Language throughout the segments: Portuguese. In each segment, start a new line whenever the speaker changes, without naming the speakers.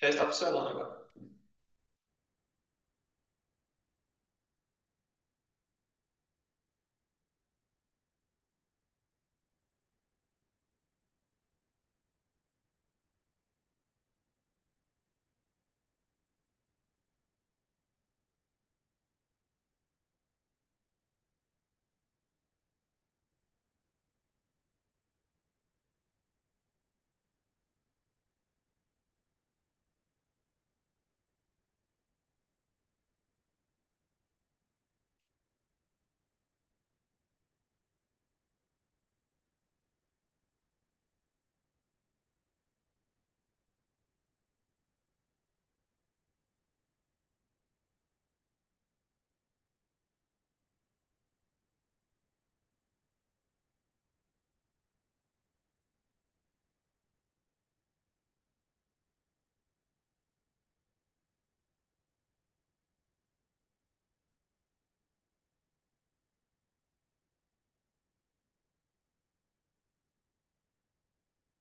Já está funcionando agora.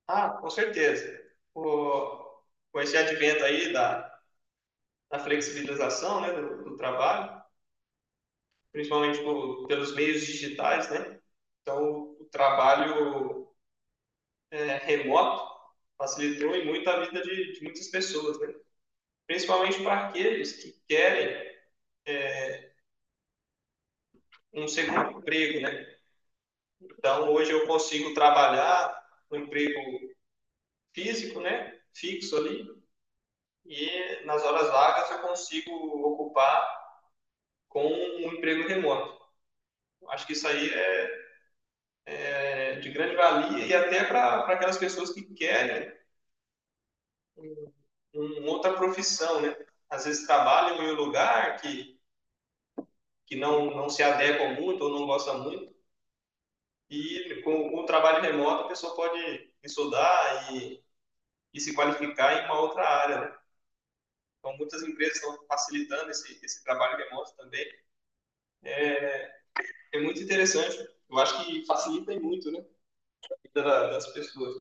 Ah, com certeza. O, com esse advento aí da flexibilização, né, do trabalho, principalmente pelos meios digitais, né? Então, o trabalho, remoto, facilitou em muito a vida de muitas pessoas, né? Principalmente para aqueles que querem, é, um segundo emprego, né? Então, hoje eu consigo trabalhar no emprego físico, né? Fixo ali. E nas horas vagas eu consigo ocupar com um emprego remoto. Acho que isso aí é de grande valia, e até para aquelas pessoas que querem uma outra profissão, né? Às vezes trabalham em um lugar que não se adequam muito ou não gostam muito, e com o trabalho remoto a pessoa pode estudar e se qualificar em uma outra área, né? Então, muitas empresas estão facilitando esse trabalho remoto também. É muito interessante. Eu acho que facilita muito, né? A vida das pessoas.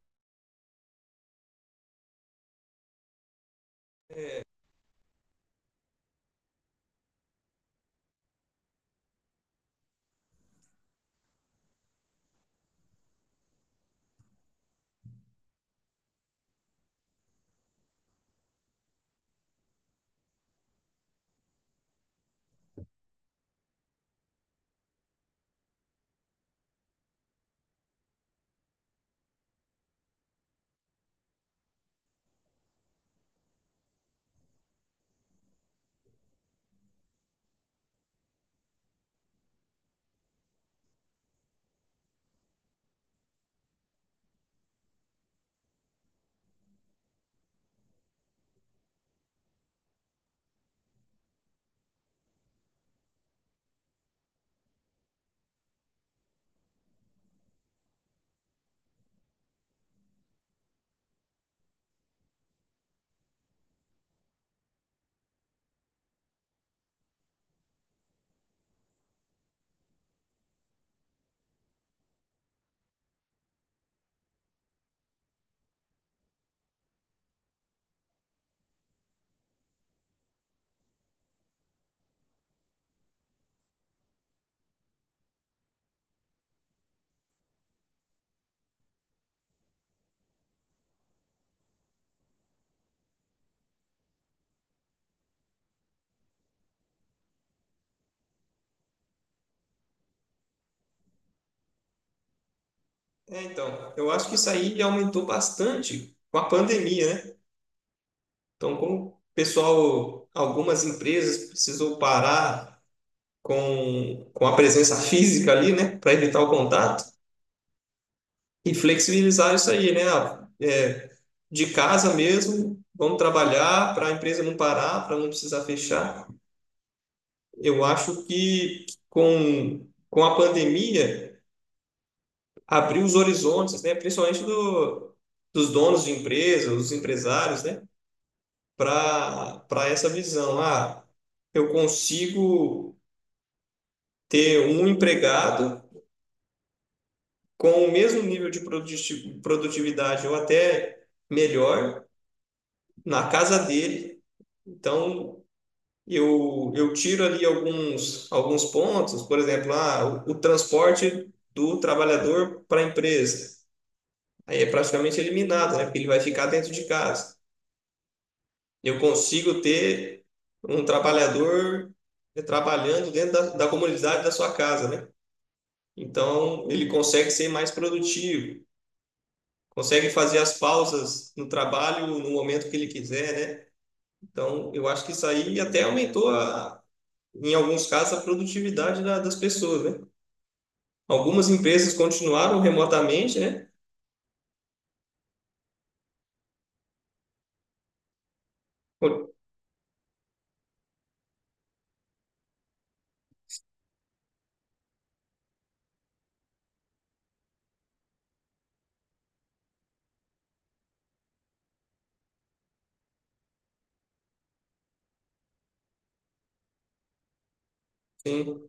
É, então, eu acho que isso aí aumentou bastante com a pandemia, né? Então, como o pessoal, algumas empresas precisou parar com a presença física ali, né, para evitar o contato e flexibilizar isso aí, né? Ah, de casa mesmo, vamos trabalhar para a empresa não parar, para não precisar fechar. Eu acho que com a pandemia abriu os horizontes, né? Principalmente dos donos de empresas, os empresários, né? Para essa visão. Ah, eu consigo ter um empregado com o mesmo nível de produtividade, ou até melhor, na casa dele. Então, eu tiro ali alguns pontos. Por exemplo, o transporte do trabalhador para a empresa. Aí é praticamente eliminado, né? Porque ele vai ficar dentro de casa. Eu consigo ter um trabalhador trabalhando dentro da comunidade da sua casa, né? Então, ele consegue ser mais produtivo, consegue fazer as pausas no trabalho no momento que ele quiser, né? Então, eu acho que isso aí até aumentou, em alguns casos, a produtividade das pessoas, né? Algumas empresas continuaram remotamente, né? Sim.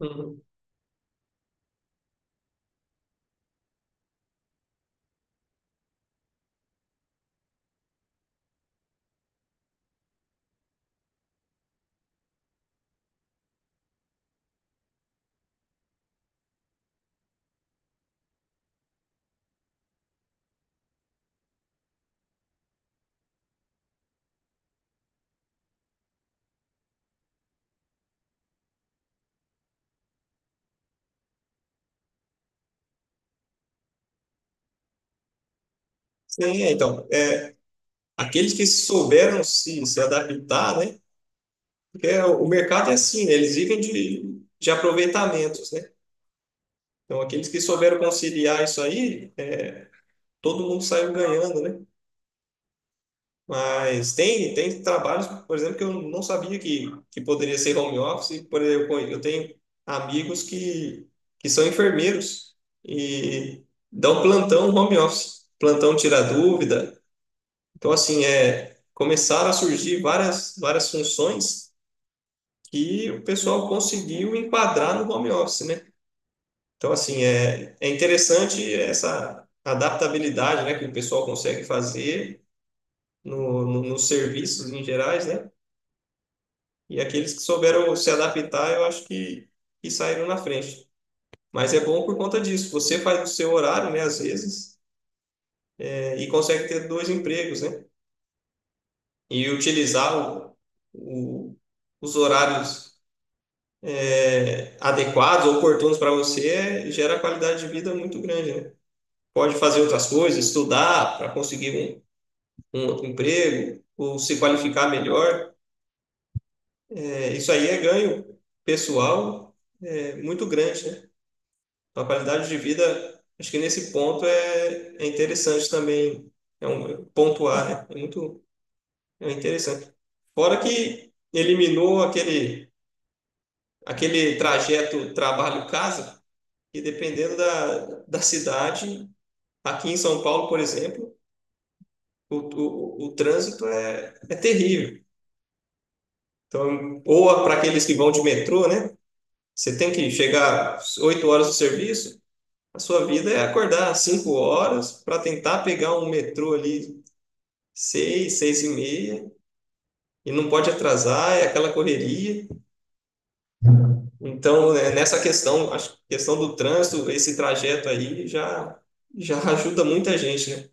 Uhum. Sim, é, então, é, aqueles que souberam se adaptar, né? É, o mercado é assim, né? Eles vivem de aproveitamentos, né? Então, aqueles que souberam conciliar isso aí, né, todo mundo saiu ganhando, né? Mas tem trabalhos, por exemplo, que eu não sabia que poderia ser home office. Por exemplo, eu tenho amigos que são enfermeiros e dão plantão home office, plantão tira dúvida. Então, assim, começaram a surgir várias, várias funções que o pessoal conseguiu enquadrar no home office, né? Então, assim, é, interessante essa adaptabilidade, né, que o pessoal consegue fazer nos serviços em gerais, né? E aqueles que souberam se adaptar, eu acho que saíram na frente. Mas é bom por conta disso. Você faz o seu horário, né, às vezes, e consegue ter dois empregos, né? E utilizar o- os horários, adequados ou oportunos para você, gera qualidade de vida muito grande, né? Pode fazer outras coisas, estudar para conseguir um outro emprego, ou se qualificar melhor. É, isso aí é ganho pessoal, muito grande, né? A qualidade de vida, acho que nesse ponto é interessante também, é pontuar, né? É muito é interessante. Fora que eliminou aquele trajeto trabalho-casa, que, dependendo da cidade, aqui em São Paulo, por exemplo, o trânsito é terrível. Então, ou para aqueles que vão de metrô, né? Você tem que chegar 8 horas do serviço, a sua vida é acordar 5 horas para tentar pegar um metrô ali seis, 6 e meia, e não pode atrasar, é aquela correria. Então, né, nessa questão, a questão do trânsito, esse trajeto aí já ajuda muita gente, né?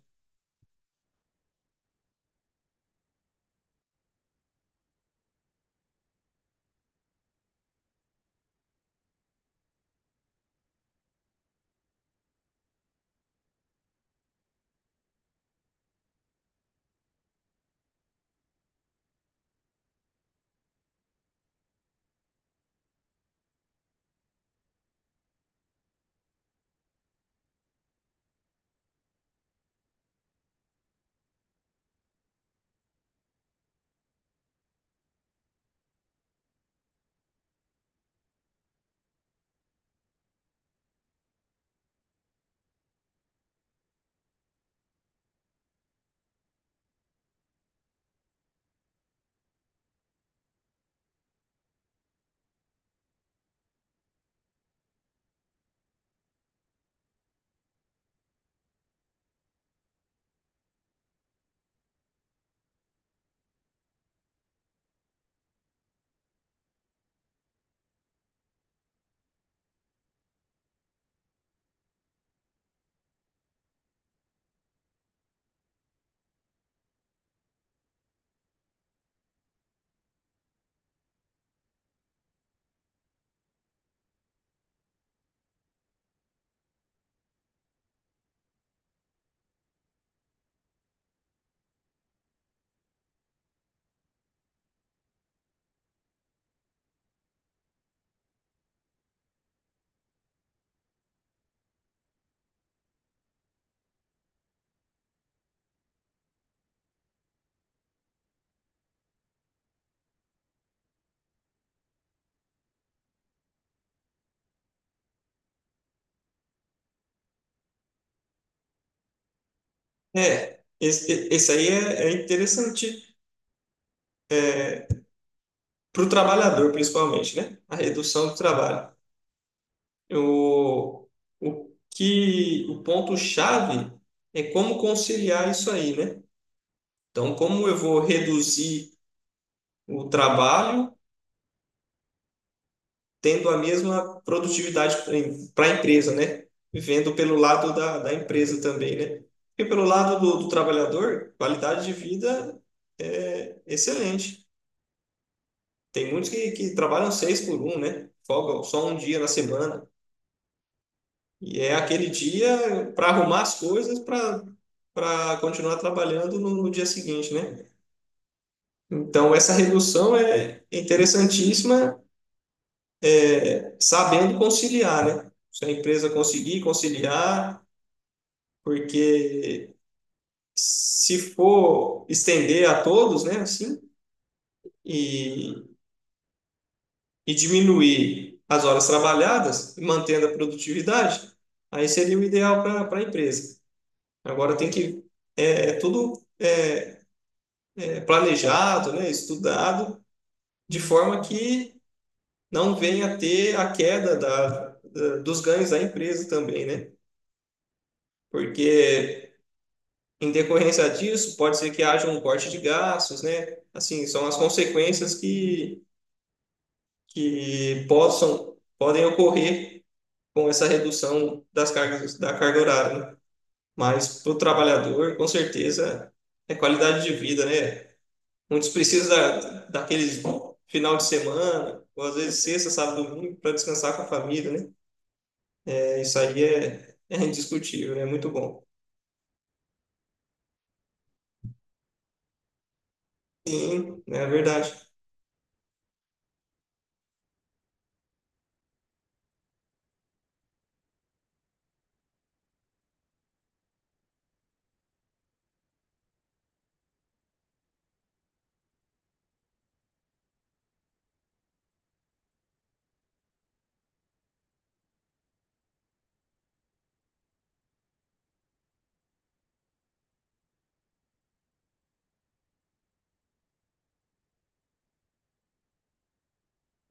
É, esse aí é interessante para o trabalhador, principalmente, né? A redução do trabalho. O, o ponto-chave é como conciliar isso aí, né? Então, como eu vou reduzir o trabalho tendo a mesma produtividade para a empresa, né? Vendo pelo lado da empresa também, né? E pelo lado do trabalhador, qualidade de vida é excelente. Tem muitos que trabalham 6x1, né? Folga só um dia na semana. E é aquele dia para arrumar as coisas para continuar trabalhando no dia seguinte, né? Então, essa redução é interessantíssima, sabendo conciliar, né? Se a empresa conseguir conciliar, porque, se for estender a todos, né, assim, e, e diminuir as horas trabalhadas, mantendo a produtividade, aí seria o ideal para a empresa. Agora tem que, é tudo planejado, né, estudado, de forma que não venha a ter a queda dos ganhos da empresa também, né? Porque, em decorrência disso, pode ser que haja um corte de gastos, né? Assim, são as consequências que podem ocorrer com essa redução das cargas, da carga horária, né? Mas para o trabalhador, com certeza, é qualidade de vida, né? Muitos precisam daqueles final de semana, ou às vezes sexta, sábado, domingo, para descansar com a família, né? É, isso aí é indiscutível, é muito bom. Sim, né, é verdade.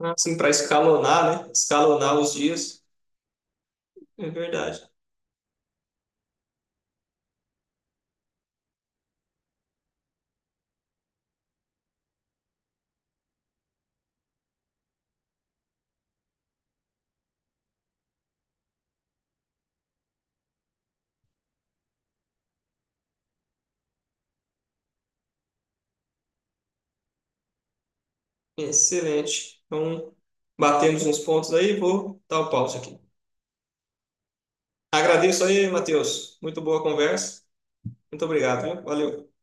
Assim, para escalonar, né? Escalonar os dias, é verdade. Excelente. Então, batemos uns pontos aí, vou dar o pause aqui. Agradeço aí, Matheus. Muito boa conversa. Muito obrigado, viu? Valeu.